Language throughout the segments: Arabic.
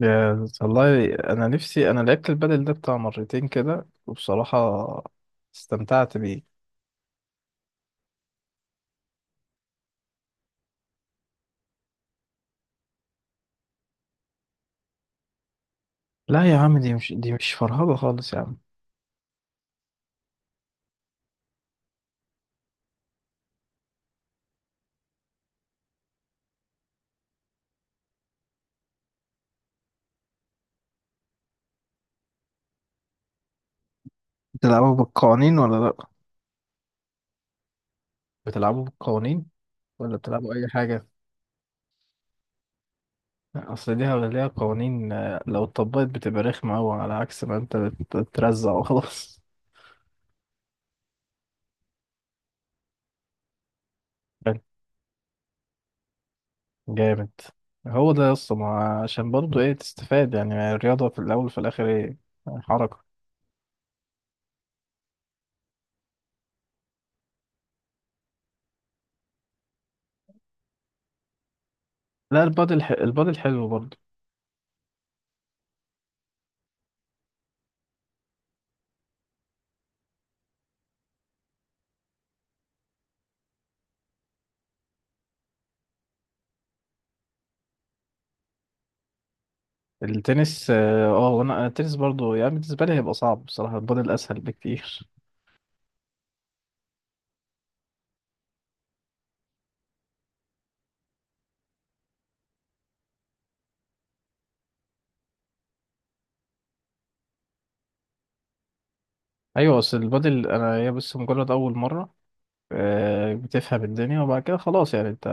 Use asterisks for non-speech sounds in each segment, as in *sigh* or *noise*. يا والله، انا نفسي لعبت البادل ده بتاع مرتين كده وبصراحة استمتعت بيه. لا يا عم، دي مش فرهضة خالص يا عم. بتلعبوا بالقوانين ولا لا؟ بتلعبوا بالقوانين ولا بتلعبوا اي حاجة؟ اصل ليها قوانين، لو اتطبقت بتبقى رخمة اوي، على عكس ما انت بترزع وخلاص. *laughs* حلو، جامد. هو ده يا اسطى، ما عشان برضه ايه تستفاد؟ يعني الرياضة في الاول وفي الاخر ايه؟ حركة. لا، البادل حلو برضه. التنس، وانا التنس برضو يعني بالنسبه لي هيبقى صعب بصراحه. البادل اسهل بكتير. ايوه بس البادل، انا هي بس مجرد اول مره، بتفهم الدنيا وبعد كده خلاص يعني انت.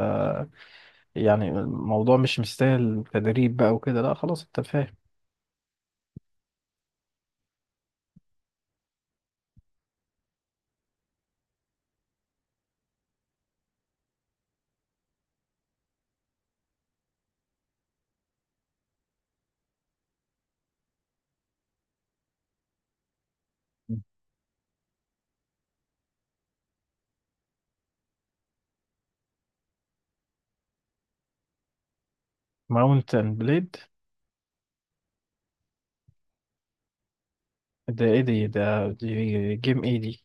يعني الموضوع مش مستاهل تدريب بقى وكده. لا خلاص، انت فاهم. ماونت اند بليد، ده ايه دي؟ ده دي جيم ايه دي؟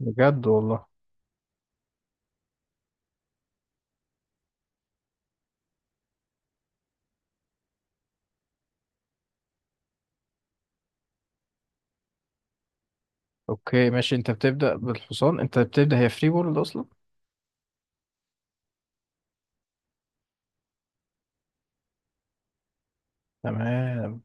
بجد والله؟ اوكي ماشي، انت بتبدأ بالحصان. انت بتبدأ، هي فري وورلد اصلا. تمام.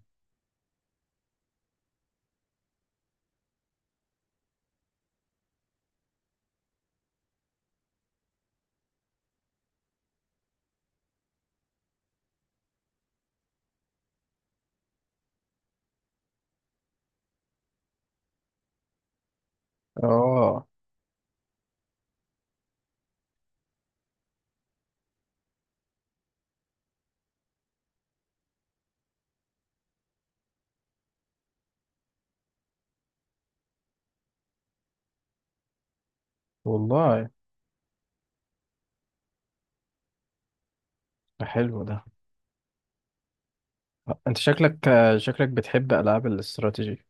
اه والله. ده حلو ده. انت شكلك بتحب العاب الاستراتيجي.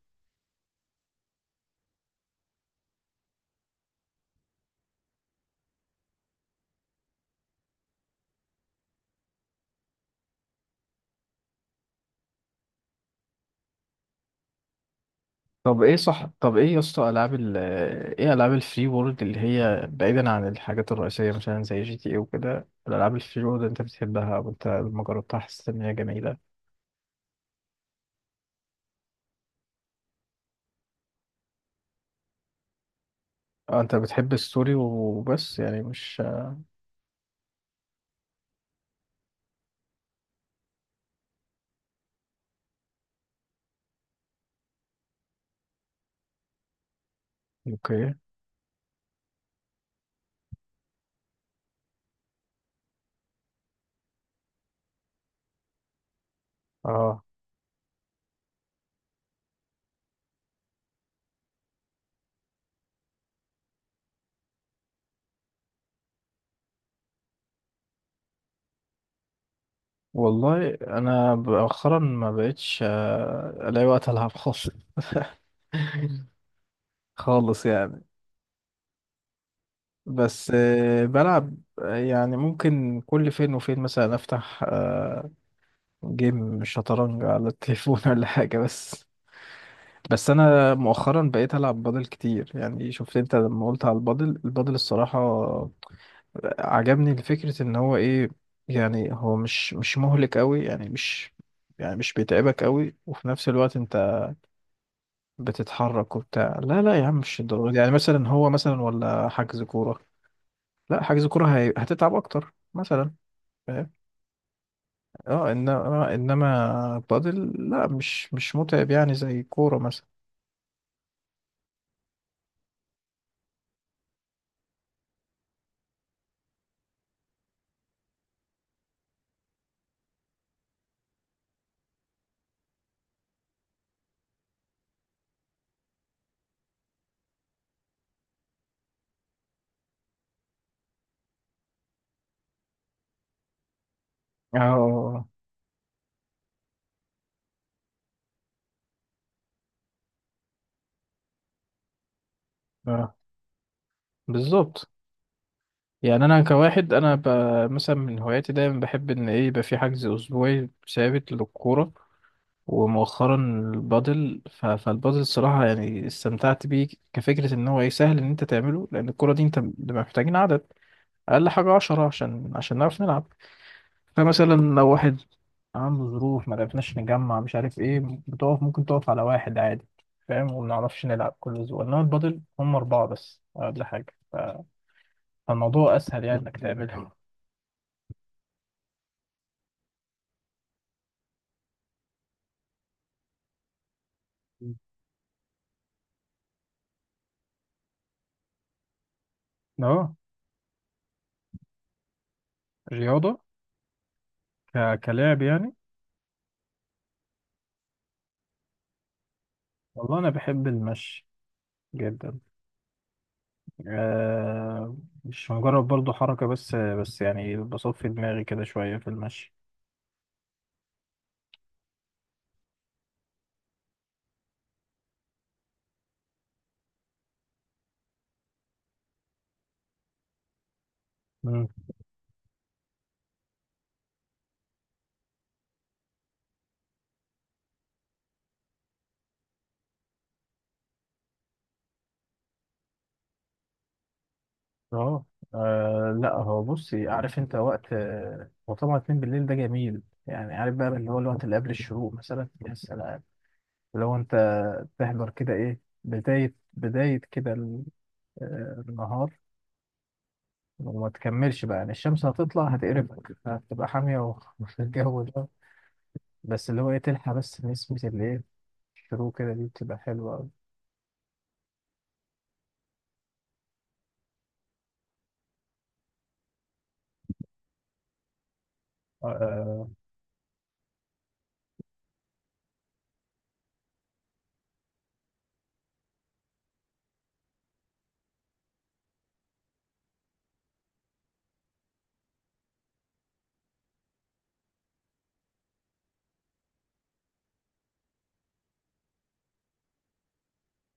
طب ايه صح، طب ايه يا اسطى، العاب ال ايه العاب الفري وورلد اللي هي بعيدا عن الحاجات الرئيسيه مثلا زي جي تي اي وكده، الالعاب الفري وورلد انت بتحبها؟ وانت لما جربتها حسيت ان هي جميله؟ اه انت بتحب الستوري وبس يعني، مش... اوكي. اه والله انا مؤخرا ما بقتش الاقي وقت العب خالص. *laughs* خالص يعني. بس بلعب يعني ممكن كل فين وفين مثلا افتح جيم شطرنج على التليفون *laughs* ولا حاجة. بس بس انا مؤخرا بقيت العب بادل كتير. يعني شفت انت لما قلت على البادل، البادل الصراحة عجبني فكرة ان هو ايه، يعني هو مش مهلك قوي، يعني مش، يعني مش بيتعبك قوي، وفي نفس الوقت انت بتتحرك وبتاع. لا لا يا عم، مش الدرجة دي يعني، مثلا هو مثلا ولا حجز كورة. لا، حجز كورة هتتعب اكتر مثلا. فاهم. اه انما بادل، لا مش متعب يعني زي كورة مثلا. اه اه. آه. بالظبط. يعني انا كواحد، انا مثلا من هواياتي دايما بحب ان ايه، يبقى في حجز اسبوعي ثابت للكوره. ومؤخرا البادل، فالبادل الصراحه يعني استمتعت بيه كفكره ان هو ايه سهل، ان انت تعمله. لان الكوره دي انت بنبقى محتاجين عدد، اقل حاجه 10، عشان نعرف نلعب. فمثلا لو واحد عنده ظروف، ما عرفناش نجمع مش عارف ايه، بتقف، ممكن تقف على واحد عادي فاهم. وما نعرفش نلعب كل اسبوع، انما البادل هم اربعه بس ولا حاجه، ف- فالموضوع اسهل يعني انك تعملها. *laughs* اه. رياضه، كلاعب يعني. والله انا بحب المشي جدا. آه، مش مجرد برضو حركه، بس يعني بصفي دماغي كده شويه في المشي. اه. لا هو بصي عارف انت وقت، هو طبعا اتنين بالليل ده جميل يعني. عارف بقى اللي هو الوقت اللي قبل الشروق مثلا، يا سلام. لو انت تحضر كده، ايه، بداية بداية كده النهار. وما تكملش بقى، يعني الشمس هتطلع هتقربك هتبقى حامية *laughs* وفي الجو ده. بس اللي هو ايه، تلحق بس نسمة اللي ايه الشروق كده، دي بتبقى حلوة أوي. آه، آه،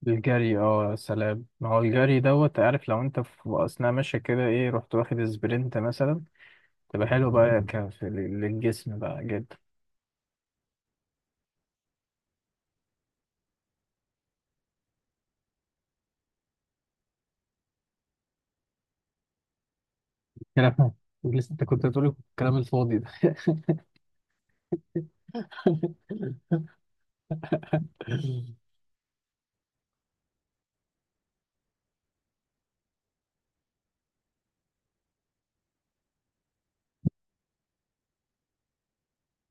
الجري، اه يا سلام، ما هو الجري دوت. عارف لو انت في اثناء ماشي كده ايه، رحت واخد سبرنت مثلا، تبقى حلو بقى للجسم بقى جدا. كلام؟ لسه انت كنت هتقول الكلام الفاضي ده؟ *laughs*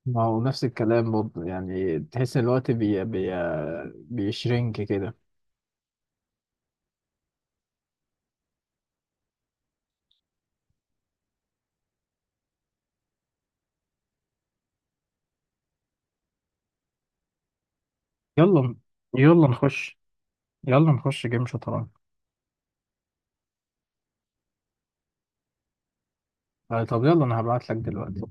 ما هو نفس الكلام برضه يعني، تحس ان الوقت بي بي بيشرنك كده. يلا. يلا نخش. يلا نخش جيم شطرنج. طب يلا، انا هبعت لك دلوقتي.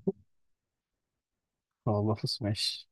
خلاص ماشي.